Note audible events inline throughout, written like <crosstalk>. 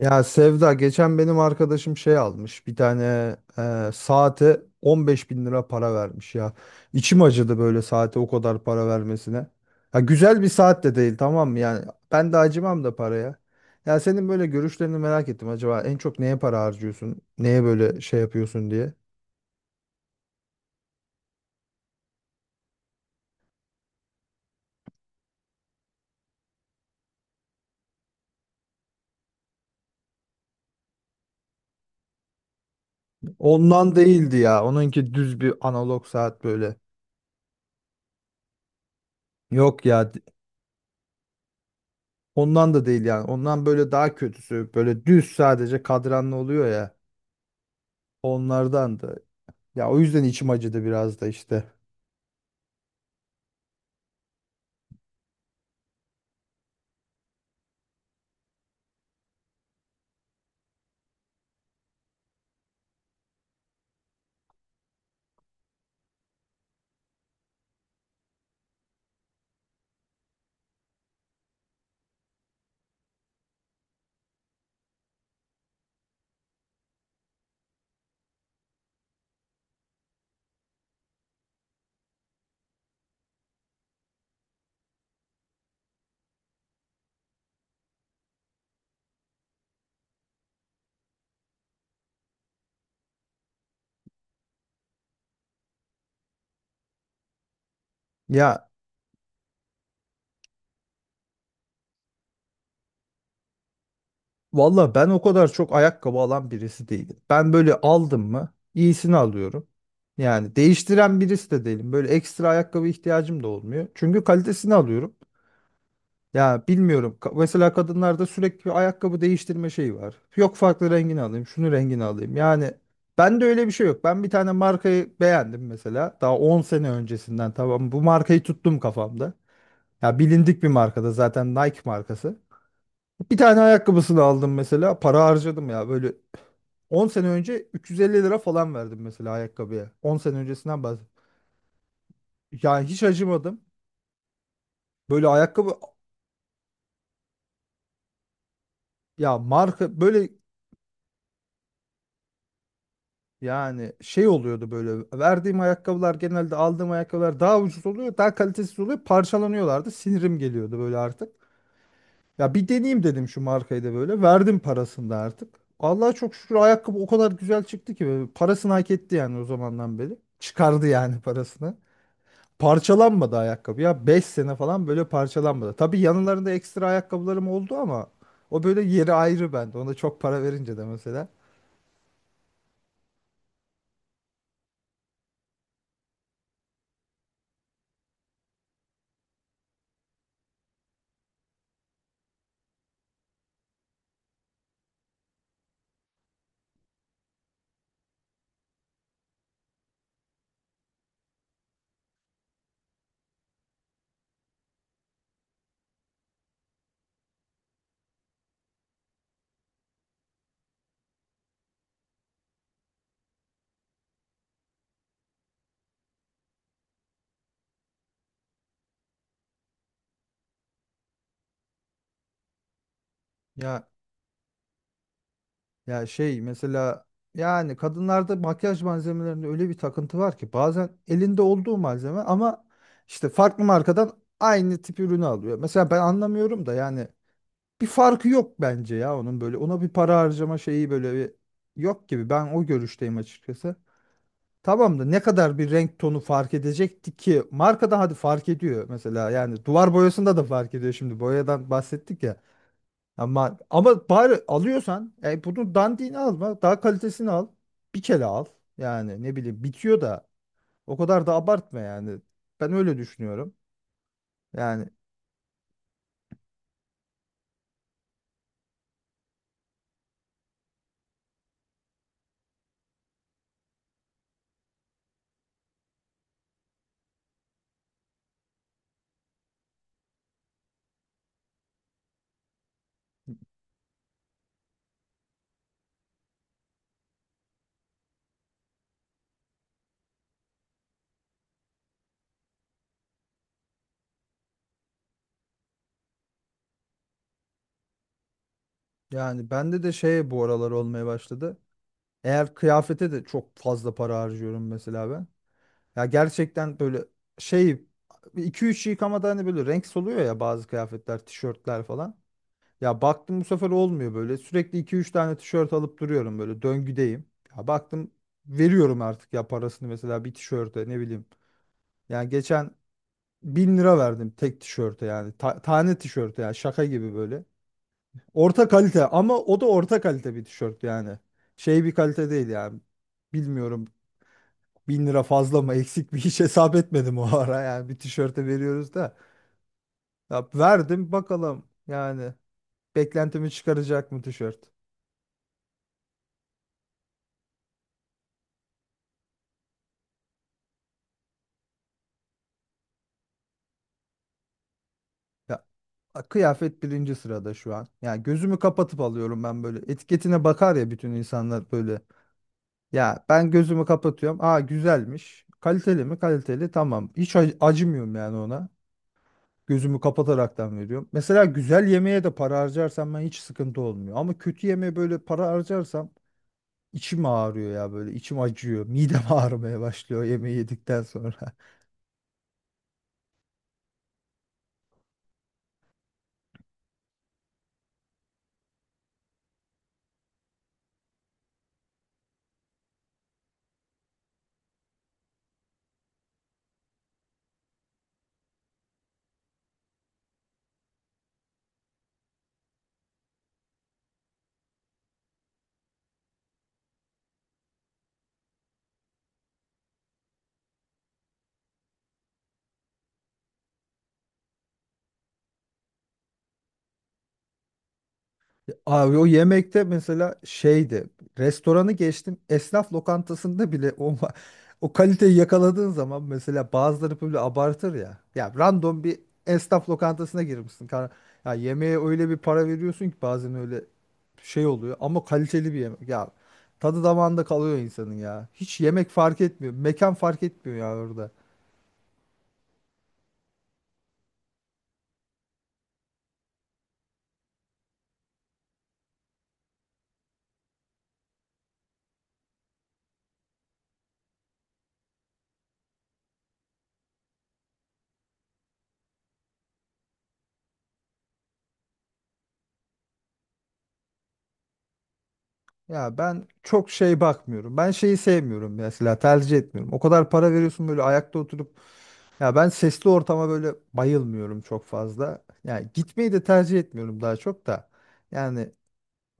Ya Sevda geçen benim arkadaşım şey almış bir tane saate 15 bin lira para vermiş ya. İçim acıdı böyle saate o kadar para vermesine. Ya güzel bir saat de değil tamam mı yani ben de acımam da paraya. Ya senin böyle görüşlerini merak ettim acaba en çok neye para harcıyorsun? Neye böyle şey yapıyorsun diye. Ondan değildi ya onunki düz bir analog saat böyle. Yok ya ondan da değil yani ondan böyle daha kötüsü böyle düz sadece kadranlı oluyor ya onlardan da. Ya o yüzden içim acıdı biraz da işte. Ya valla ben o kadar çok ayakkabı alan birisi değilim. Ben böyle aldım mı iyisini alıyorum. Yani değiştiren birisi de değilim. Böyle ekstra ayakkabı ihtiyacım da olmuyor. Çünkü kalitesini alıyorum. Ya bilmiyorum. Mesela kadınlarda sürekli bir ayakkabı değiştirme şeyi var. Yok farklı rengini alayım, şunu rengini alayım. Yani ben de öyle bir şey yok. Ben bir tane markayı beğendim mesela. Daha 10 sene öncesinden tamam. Bu markayı tuttum kafamda. Ya bilindik bir markada zaten Nike markası. Bir tane ayakkabısını aldım mesela. Para harcadım ya. Böyle 10 sene önce 350 lira falan verdim mesela ayakkabıya. 10 sene öncesinden bahsediyorum. Yani hiç acımadım. Böyle ayakkabı ya marka böyle yani şey oluyordu böyle. Verdiğim ayakkabılar genelde aldığım ayakkabılar daha ucuz oluyor. Daha kalitesiz oluyor. Parçalanıyorlardı. Sinirim geliyordu böyle artık. Ya bir deneyeyim dedim şu markayı da böyle. Verdim parasını da artık. Allah'a çok şükür ayakkabı o kadar güzel çıktı ki böyle parasını hak etti yani o zamandan beri. Çıkardı yani parasını. Parçalanmadı ayakkabı ya 5 sene falan böyle parçalanmadı. Tabii yanlarında ekstra ayakkabılarım oldu ama o böyle yeri ayrı bende. Ona çok para verince de mesela. Ya ya şey mesela yani kadınlarda makyaj malzemelerinde öyle bir takıntı var ki bazen elinde olduğu malzeme ama işte farklı markadan aynı tip ürünü alıyor. Mesela ben anlamıyorum da yani bir farkı yok bence ya onun böyle ona bir para harcama şeyi böyle bir yok gibi ben o görüşteyim açıkçası. Tamam da ne kadar bir renk tonu fark edecekti ki? Markada hadi fark ediyor mesela. Yani duvar boyasında da fark ediyor şimdi. Boyadan bahsettik ya. Ama bari alıyorsan bunu dandiğini alma. Daha kalitesini al. Bir kere al. Yani ne bileyim bitiyor da o kadar da abartma yani. Ben öyle düşünüyorum. Yani yani bende de şey bu aralar olmaya başladı. Eğer kıyafete de çok fazla para harcıyorum mesela ben. Ya gerçekten böyle şey 2-3 yıkamada hani böyle renk soluyor ya bazı kıyafetler, tişörtler falan. Ya baktım bu sefer olmuyor böyle. Sürekli iki üç tane tişört alıp duruyorum böyle döngüdeyim. Ya baktım veriyorum artık ya parasını mesela bir tişörte ne bileyim. Yani geçen 1.000 lira verdim tek tişörte yani. Tane tişörte yani şaka gibi böyle. Orta kalite ama o da orta kalite bir tişört yani. Şey bir kalite değil yani. Bilmiyorum. 1.000 lira fazla mı eksik mi hiç hesap etmedim o ara yani bir tişörte veriyoruz da ya verdim bakalım yani beklentimi çıkaracak mı tişört ya kıyafet birinci sırada şu an yani gözümü kapatıp alıyorum ben böyle etiketine bakar ya bütün insanlar böyle ya ben gözümü kapatıyorum aa güzelmiş kaliteli mi kaliteli tamam hiç acımıyorum yani ona gözümü kapataraktan veriyorum mesela güzel yemeğe de para harcarsam ben hiç sıkıntı olmuyor ama kötü yemeğe böyle para harcarsam İçim ağrıyor ya böyle içim acıyor. Midem <laughs> ağrımaya başlıyor yemeği yedikten sonra. <laughs> Abi o yemekte mesela şeydi. Restoranı geçtim. Esnaf lokantasında bile o kaliteyi yakaladığın zaman mesela bazıları böyle abartır ya. Ya random bir esnaf lokantasına girmişsin. Ya yemeğe öyle bir para veriyorsun ki bazen öyle şey oluyor ama kaliteli bir yemek. Ya tadı damağında kalıyor insanın ya. Hiç yemek fark etmiyor. Mekan fark etmiyor ya orada. Ya ben çok şey bakmıyorum. Ben şeyi sevmiyorum mesela tercih etmiyorum. O kadar para veriyorsun böyle ayakta oturup ya ben sesli ortama böyle bayılmıyorum çok fazla. Yani gitmeyi de tercih etmiyorum daha çok da. Yani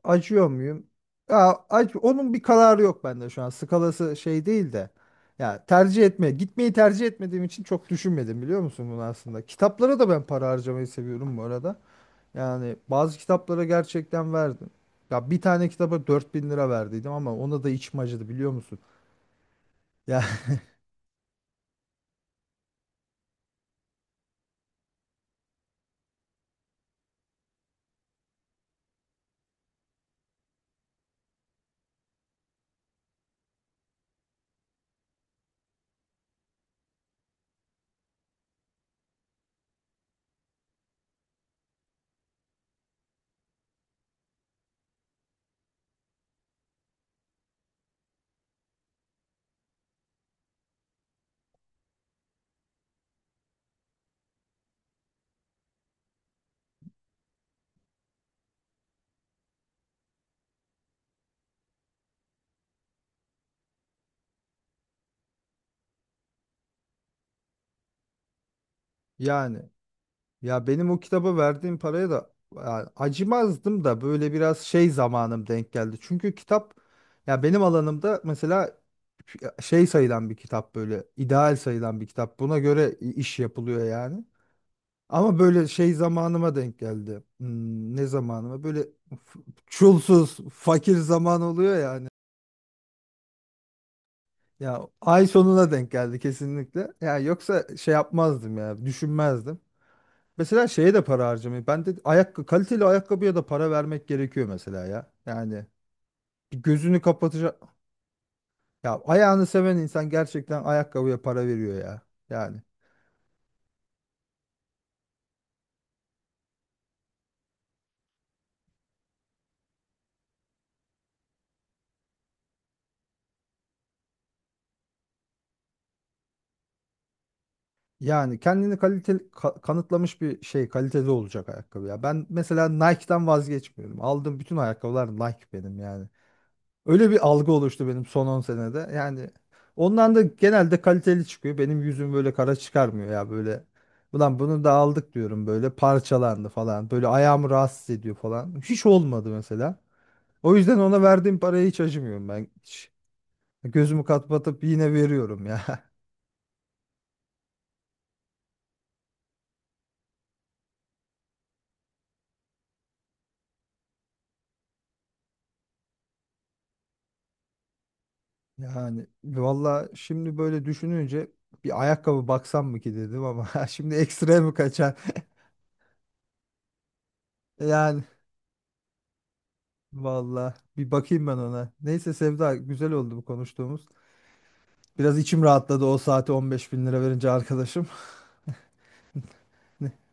acıyor muyum? Ya onun bir kararı yok bende şu an. Skalası şey değil de. Ya tercih etme, gitmeyi tercih etmediğim için çok düşünmedim biliyor musun bunu aslında. Kitaplara da ben para harcamayı seviyorum bu arada. Yani bazı kitaplara gerçekten verdim. Ya bir tane kitaba 4.000 lira verdiydim ama ona da içim acıdı biliyor musun? Ya <laughs> yani ya benim o kitaba verdiğim paraya da ya acımazdım da böyle biraz şey zamanım denk geldi. Çünkü kitap ya benim alanımda mesela şey sayılan bir kitap böyle ideal sayılan bir kitap. Buna göre iş yapılıyor yani. Ama böyle şey zamanıma denk geldi. Ne zamanıma? Böyle f- çulsuz, fakir zaman oluyor yani. Ya ay sonuna denk geldi kesinlikle. Ya yoksa şey yapmazdım ya, düşünmezdim. Mesela şeye de para harcamayı. Ben de ayakkabı, kaliteli ayakkabıya da para vermek gerekiyor mesela ya. Yani bir gözünü kapatacak. Ya ayağını seven insan gerçekten ayakkabıya para veriyor ya. Yani yani kendini kaliteli kanıtlamış bir şey kaliteli olacak ayakkabı ya. Ben mesela Nike'dan vazgeçmiyorum. Aldığım bütün ayakkabılar Nike benim yani. Öyle bir algı oluştu benim son 10 senede. Yani ondan da genelde kaliteli çıkıyor. Benim yüzüm böyle kara çıkarmıyor ya böyle. Ulan bunu da aldık diyorum böyle parçalandı falan. Böyle ayağımı rahatsız ediyor falan. Hiç olmadı mesela. O yüzden ona verdiğim paraya hiç acımıyorum ben. Hiç. Gözümü kapatıp yine veriyorum ya. <laughs> Yani valla şimdi böyle düşününce bir ayakkabı baksam mı ki dedim ama <laughs> şimdi ekstra mı kaçar? Yani valla bir bakayım ben ona. Neyse Sevda güzel oldu bu konuştuğumuz. Biraz içim rahatladı o saate 15 bin lira verince arkadaşım. <laughs>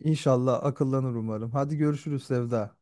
İnşallah akıllanır umarım. Hadi görüşürüz Sevda.